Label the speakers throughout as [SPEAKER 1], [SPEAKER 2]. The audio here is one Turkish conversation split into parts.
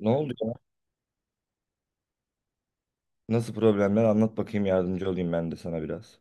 [SPEAKER 1] Ne oldu ya? Nasıl problemler? Anlat bakayım, yardımcı olayım ben de sana biraz.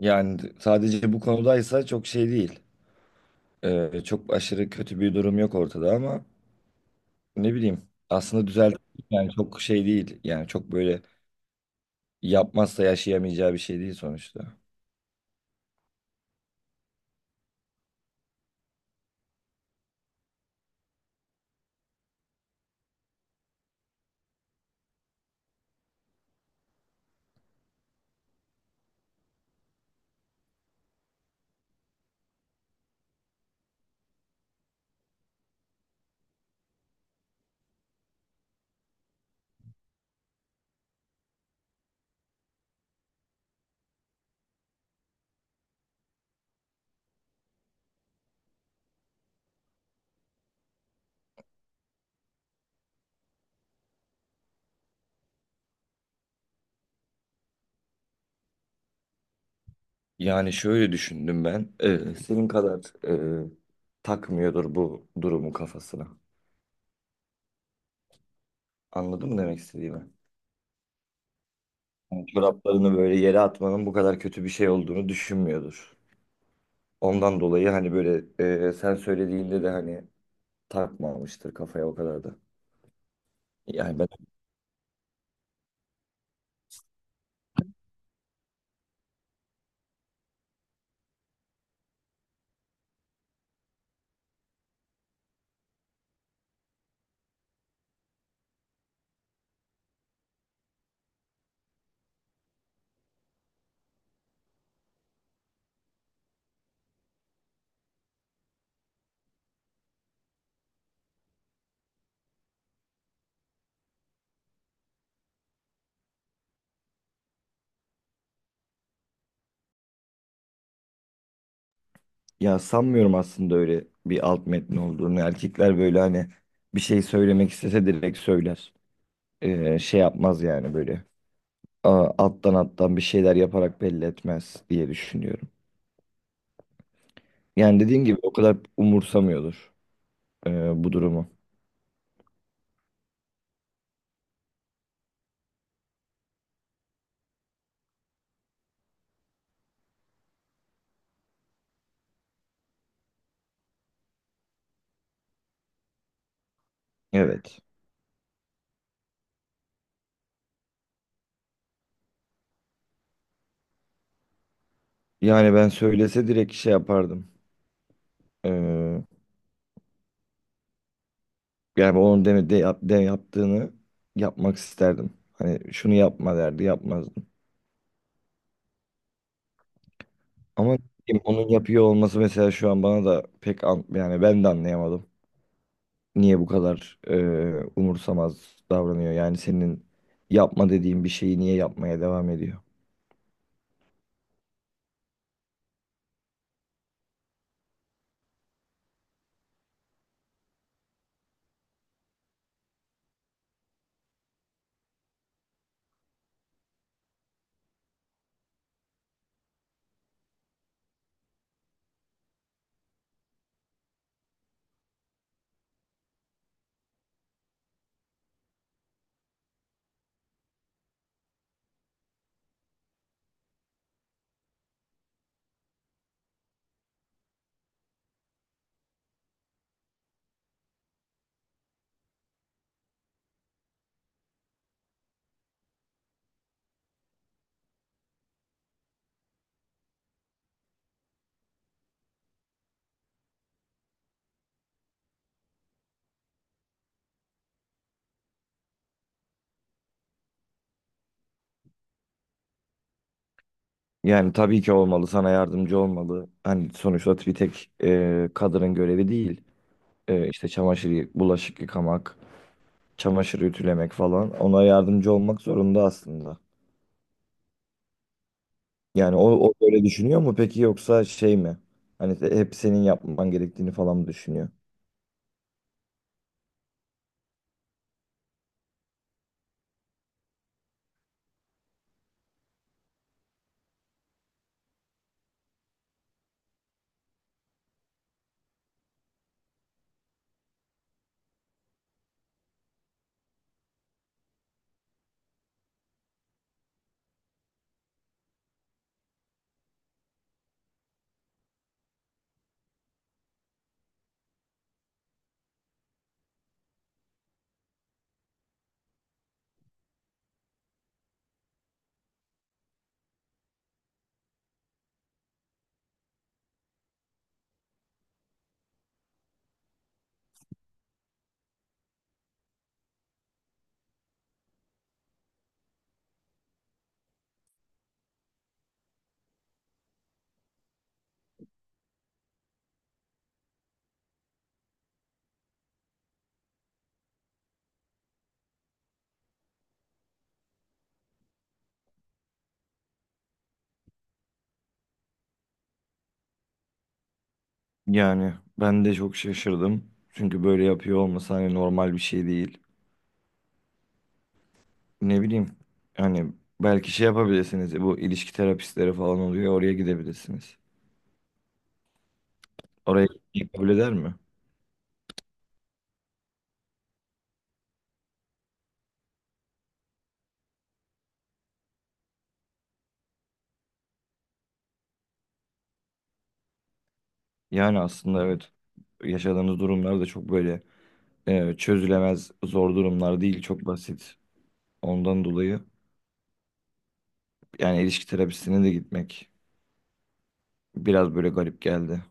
[SPEAKER 1] Yani sadece bu konudaysa çok şey değil. Çok aşırı kötü bir durum yok ortada ama ne bileyim. Aslında düzelt, yani çok şey değil. Yani çok böyle yapmazsa yaşayamayacağı bir şey değil sonuçta. Yani şöyle düşündüm ben. Senin kadar e, takmıyordur bu durumu kafasına. Anladın mı demek istediğimi? Yani çoraplarını böyle yere atmanın bu kadar kötü bir şey olduğunu düşünmüyordur. Ondan dolayı hani böyle sen söylediğinde de hani takmamıştır kafaya o kadar da. Yani ben ya sanmıyorum aslında öyle bir alt metni olduğunu. Erkekler böyle hani bir şey söylemek istese direkt söyler. Şey yapmaz yani böyle. Alttan alttan bir şeyler yaparak belli etmez diye düşünüyorum. Yani dediğin gibi o kadar umursamıyordur bu durumu. Evet. Yani ben söylese direkt şey yapardım. Ee, Yani onun deme, de, yap- de yaptığını yapmak isterdim. Hani şunu yapma derdi yapmazdım. Ama ne bileyim, onun yapıyor olması mesela şu an bana da yani ben de anlayamadım. Niye bu kadar umursamaz davranıyor? Yani senin yapma dediğin bir şeyi niye yapmaya devam ediyor? Yani tabii ki olmalı, sana yardımcı olmalı. Hani sonuçta bir tek kadının görevi değil. İşte çamaşır, bulaşık yıkamak, çamaşır ütülemek falan. Ona yardımcı olmak zorunda aslında. Yani o böyle düşünüyor mu peki yoksa şey mi? Hani hep senin yapman gerektiğini falan mı düşünüyor? Yani ben de çok şaşırdım. Çünkü böyle yapıyor olması hani normal bir şey değil. Ne bileyim, hani belki şey yapabilirsiniz, bu ilişki terapistleri falan oluyor, oraya gidebilirsiniz. Oraya gitmeyi kabul eder mi? Yani aslında evet, yaşadığınız durumlar da çok böyle çözülemez zor durumlar değil, çok basit. Ondan dolayı yani ilişki terapisine de gitmek biraz böyle garip geldi.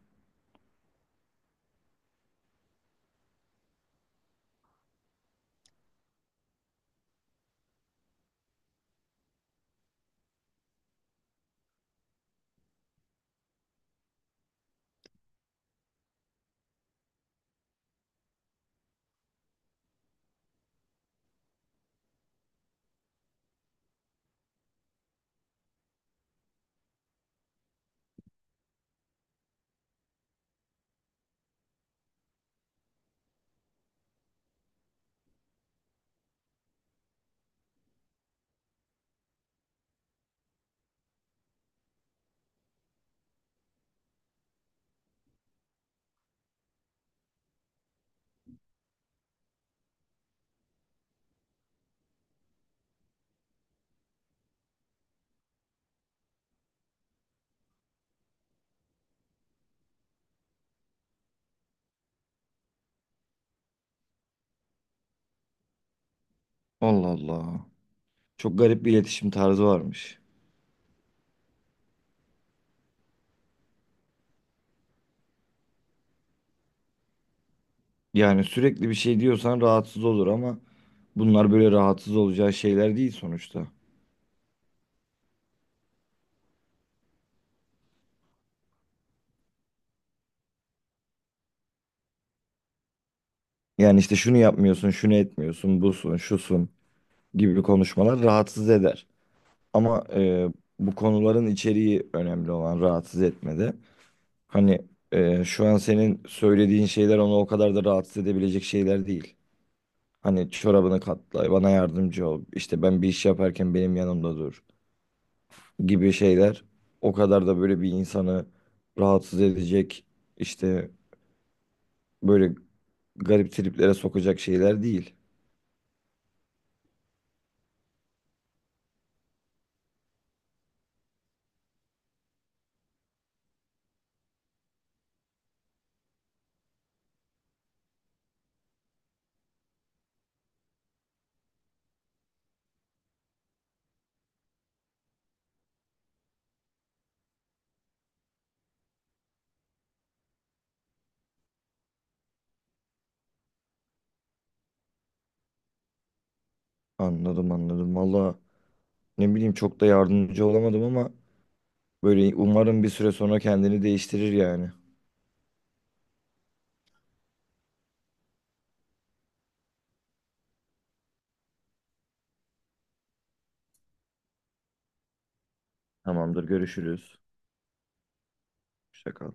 [SPEAKER 1] Allah Allah. Çok garip bir iletişim tarzı varmış. Yani sürekli bir şey diyorsan rahatsız olur ama bunlar böyle rahatsız olacağı şeyler değil sonuçta. Yani işte şunu yapmıyorsun, şunu etmiyorsun, busun, şusun gibi konuşmalar rahatsız eder. Ama bu konuların içeriği önemli olan rahatsız etmede. Hani şu an senin söylediğin şeyler onu o kadar da rahatsız edebilecek şeyler değil. Hani çorabını katla, bana yardımcı ol, işte ben bir iş yaparken benim yanımda dur gibi şeyler o kadar da böyle bir insanı rahatsız edecek, işte böyle garip triplere sokacak şeyler değil. Anladım anladım. Valla ne bileyim, çok da yardımcı olamadım ama böyle umarım bir süre sonra kendini değiştirir yani. Tamamdır, görüşürüz. Hoşça kal.